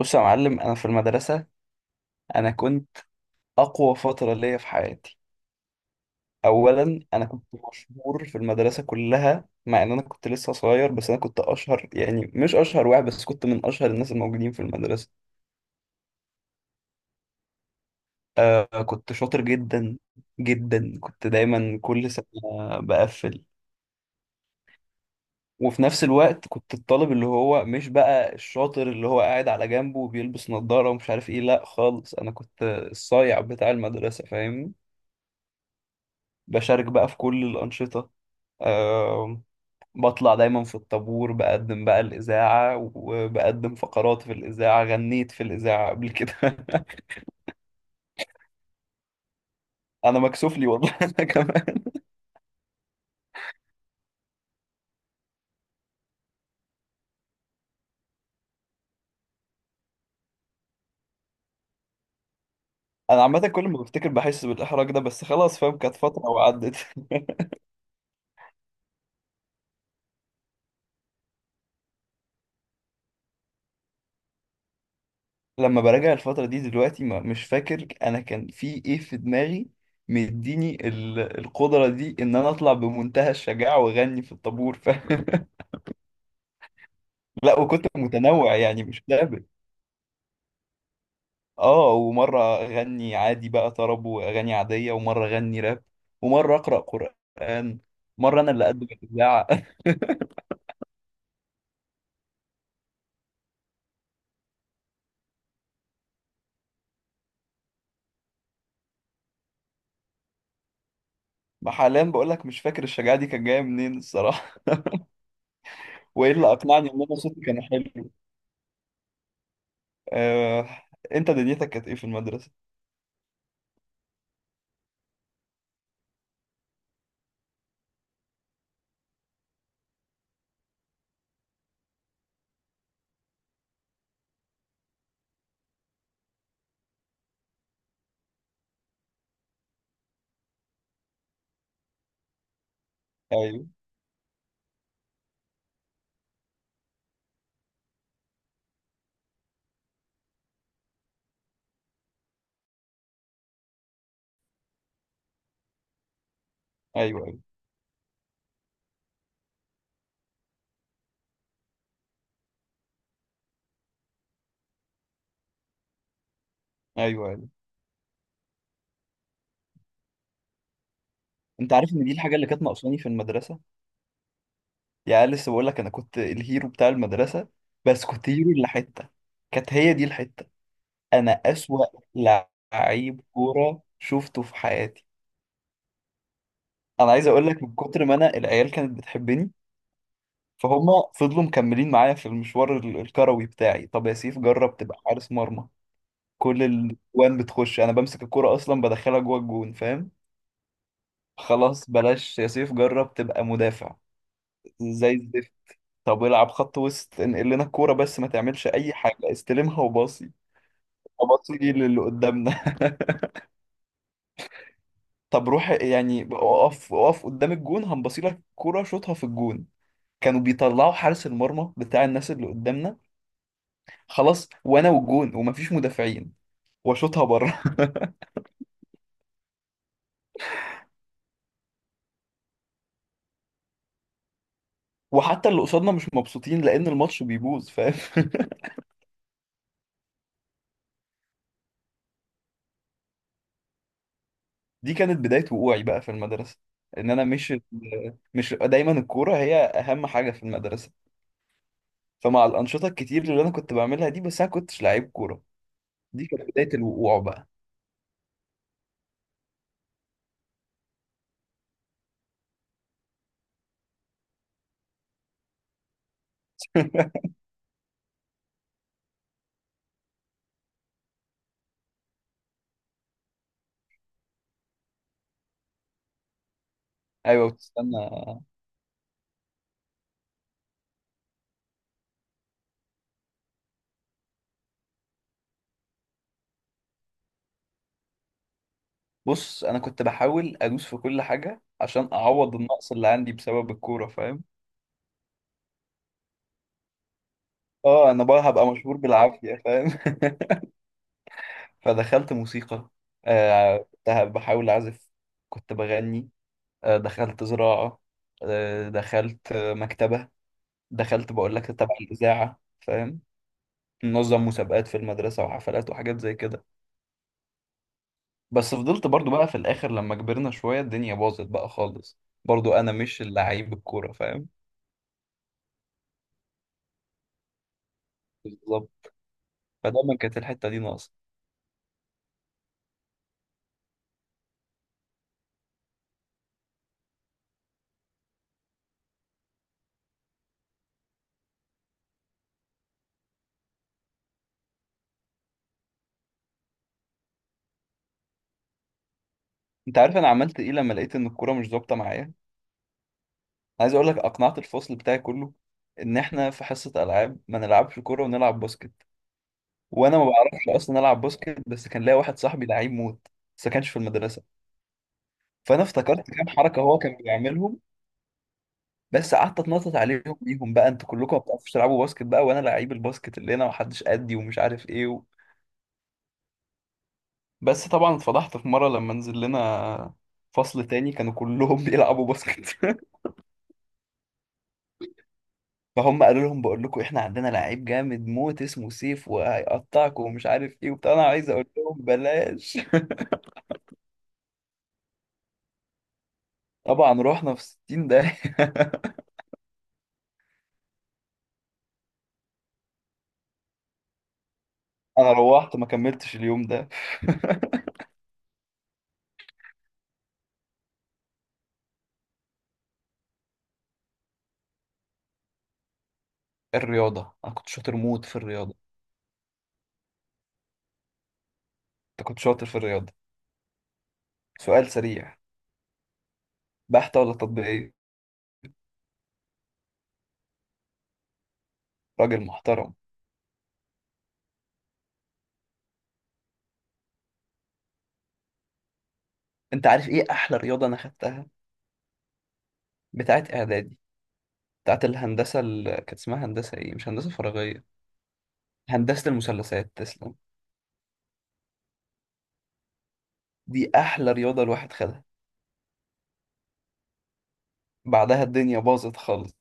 بص يا معلم، انا في المدرسه. انا كنت اقوى فتره ليا في حياتي. اولا، انا كنت مشهور في المدرسه كلها، مع ان انا كنت لسه صغير، بس انا كنت اشهر، يعني مش اشهر واحد بس، كنت من اشهر الناس الموجودين في المدرسه. آه كنت شاطر جدا جدا، كنت دايما كل سنه بقفل. وفي نفس الوقت كنت الطالب اللي هو مش بقى الشاطر اللي هو قاعد على جنبه وبيلبس نظاره ومش عارف ايه، لا خالص، انا كنت الصايع بتاع المدرسه، فاهمني؟ بشارك بقى في كل الأنشطة. آه، بطلع دايما في الطابور، بقدم بقى الإذاعة وبقدم فقرات في الإذاعة، غنيت في الإذاعة قبل كده أنا مكسوف لي والله أنا كمان أنا عامة كل ما بفتكر بحس بالإحراج ده، بس خلاص فاهم، كانت فترة وعدت لما براجع الفترة دي دلوقتي ما مش فاكر أنا كان في إيه في دماغي، مديني القدرة دي إن أنا أطلع بمنتهى الشجاعة وأغني في الطابور، فاهم؟ لا، وكنت متنوع، يعني مش ثابت. اه، ومرة أغني عادي بقى طرب وأغاني عادية، ومرة أغني راب، ومرة أقرأ قرآن، مرة أنا اللي أقدم الإذاعة. حاليا بقول لك مش فاكر الشجاعة دي كانت جاية منين الصراحة. وإيه اللي أقنعني إن أنا صوتي كان حلو؟ آه... أنت دنيتك كانت إيه في المدرسة؟ أيوه أيوه. أيوه أيوه أيوه. أنت عارف إن دي الحاجة اللي كانت ناقصاني في المدرسة؟ يعني لسه بقول لك أنا كنت الهيرو بتاع المدرسة، بس كنت هيرو اللي حتة، كانت هي دي الحتة. أنا أسوأ لعيب كورة شفته في حياتي. انا عايز اقول لك، من كتر ما انا العيال كانت بتحبني، فهم فضلوا مكملين معايا في المشوار الكروي بتاعي. طب يا سيف جرب تبقى حارس مرمى. كل الجوان بتخش، انا بمسك الكرة اصلا بدخلها جوه الجون، فاهم؟ خلاص بلاش، يا سيف جرب تبقى مدافع. زي الزفت. طب العب خط وسط، انقل لنا الكورة بس، ما تعملش اي حاجة، استلمها وباصي، اباصي للي قدامنا طب روح يعني اقف قدام الجون، هنبصي لك الكورة شوطها في الجون. كانوا بيطلعوا حارس المرمى بتاع الناس اللي قدامنا، خلاص وانا والجون ومفيش مدافعين، واشوطها بره وحتى اللي قصادنا مش مبسوطين لان الماتش بيبوظ، فاهم؟ دي كانت بداية وقوعي بقى في المدرسة، ان انا مش دايما الكورة هي اهم حاجة في المدرسة. فمع الانشطة الكتير اللي انا كنت بعملها دي، بس انا كنتش لعيب كورة، دي كانت بداية الوقوع بقى. ايوه وتستنى. بص انا كنت بحاول ادوس في كل حاجة عشان اعوض النقص اللي عندي بسبب الكورة، فاهم؟ اه انا بقى هبقى مشهور بالعافية، فاهم؟ فدخلت موسيقى، آه، كنت بحاول أعزف، كنت بغني، دخلت زراعة، دخلت مكتبة، دخلت بقول لك تبع الإذاعة، فاهم؟ ننظم مسابقات في المدرسة وحفلات وحاجات زي كده. بس فضلت برضو بقى في الآخر لما كبرنا شوية الدنيا باظت بقى خالص، برضو أنا مش اللعيب الكورة، فاهم؟ بالظبط. فدايما كانت الحتة دي ناقصة. أنت عارف أنا عملت إيه لما لقيت إن الكورة مش ظابطة معايا؟ عايز اقول لك، اقنعت الفصل بتاعي كله ان احنا في حصه العاب ما نلعبش كوره ونلعب باسكت. وانا ما بعرفش اصلا العب باسكت، بس كان ليا واحد صاحبي لعيب موت، بس ما كانش في المدرسه، فانا افتكرت كام حركه هو كان بيعملهم، بس قعدت اتنطط عليهم بيهم بقى: انتوا كلكم ما بتعرفوش تلعبوا باسكت بقى، وانا لعيب الباسكت اللي هنا، ومحدش قدي، ومش عارف ايه بس طبعا اتفضحت في مره لما نزل لنا فصل تاني كانوا كلهم بيلعبوا باسكت فهم قالوا لهم بقول لكم احنا عندنا لعيب جامد موت اسمه سيف، وهيقطعكم ومش عارف ايه وبتاع، انا عايز اقول لهم بلاش طبعا رحنا في 60 داهية انا روحت ما كملتش اليوم ده الرياضة، انا كنت شاطر موت في الرياضة. انت كنت شاطر في الرياضة. سؤال سريع: بحتة ولا تطبيقية؟ راجل محترم. انت عارف ايه احلى رياضة انا خدتها؟ بتاعت اعدادي، بتاعت الهندسة، اللي كانت اسمها هندسة ايه، مش هندسة فراغية. هندسة المثلثات، تسلم. دي احلى رياضة الواحد خدها، بعدها الدنيا باظت خالص،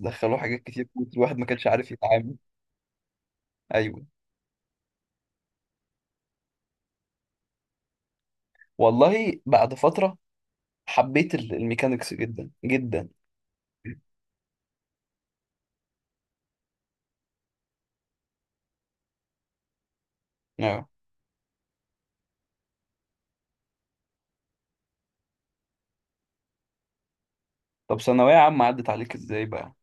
دخلوا حاجات كتير، الواحد ما كانش عارف يتعامل. ايوه. والله بعد فتره حبيت الميكانيكس جدا جدا. اه. طب ثانويه عامه عدت عليك ازاي بقى؟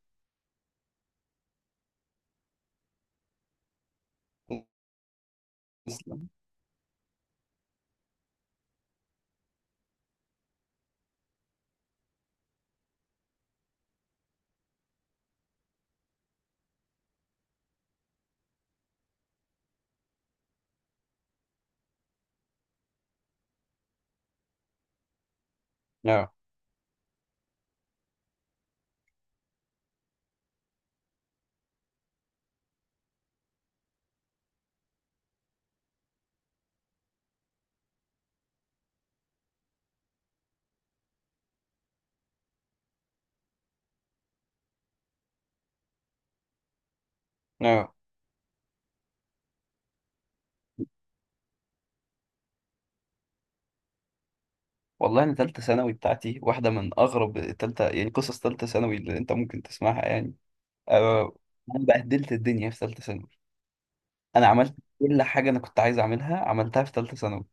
تسلم. اه اه. والله انا ثالثه ثانوي بتاعتي واحده من اغرب ثالثه، يعني قصص ثالثه ثانوي اللي انت ممكن تسمعها يعني. أه. انا بهدلت الدنيا في ثالثه ثانوي. انا عملت كل حاجه انا كنت عايز اعملها، عملتها في ثالثه ثانوي.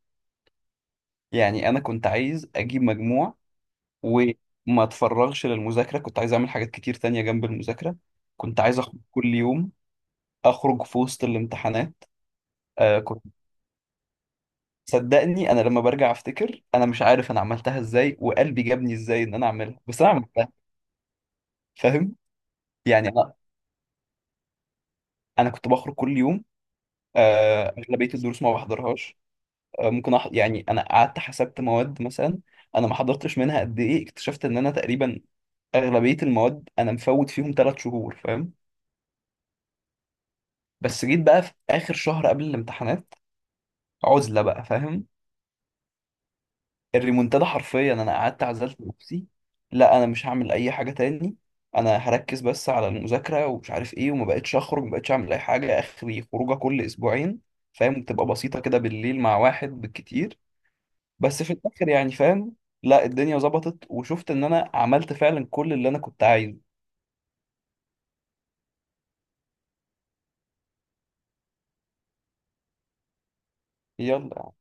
يعني انا كنت عايز اجيب مجموع، وما اتفرغش للمذاكرة، كنت عايز اعمل حاجات كتير تانية جنب المذاكرة، كنت عايز اخرج كل يوم، اخرج في وسط الامتحانات. آه كنت صدقني انا لما برجع افتكر انا مش عارف انا عملتها ازاي، وقلبي جابني ازاي ان انا اعملها، بس انا عملتها، فاهم؟ يعني انا كنت بخرج كل يوم، اغلبية الدروس ما بحضرهاش. يعني انا قعدت حسبت مواد مثلا، انا ما حضرتش منها قد ايه، اكتشفت ان انا تقريبا اغلبية المواد انا مفوت فيهم 3 شهور، فاهم؟ بس جيت بقى في اخر شهر قبل الامتحانات، عزله بقى، فاهم؟ الريمونتادا حرفيا. انا قعدت عزلت نفسي، لا انا مش هعمل اي حاجه تاني، انا هركز بس على المذاكره ومش عارف ايه، وما بقتش اخرج، ما بقتش اعمل اي حاجه اخري، خروجه كل اسبوعين، فاهم؟ بتبقى بسيطه كده بالليل مع واحد بالكتير، بس في الاخر يعني، فاهم؟ لا الدنيا ظبطت وشفت ان انا عملت فعلا كل اللي انا كنت عايزه. يلا.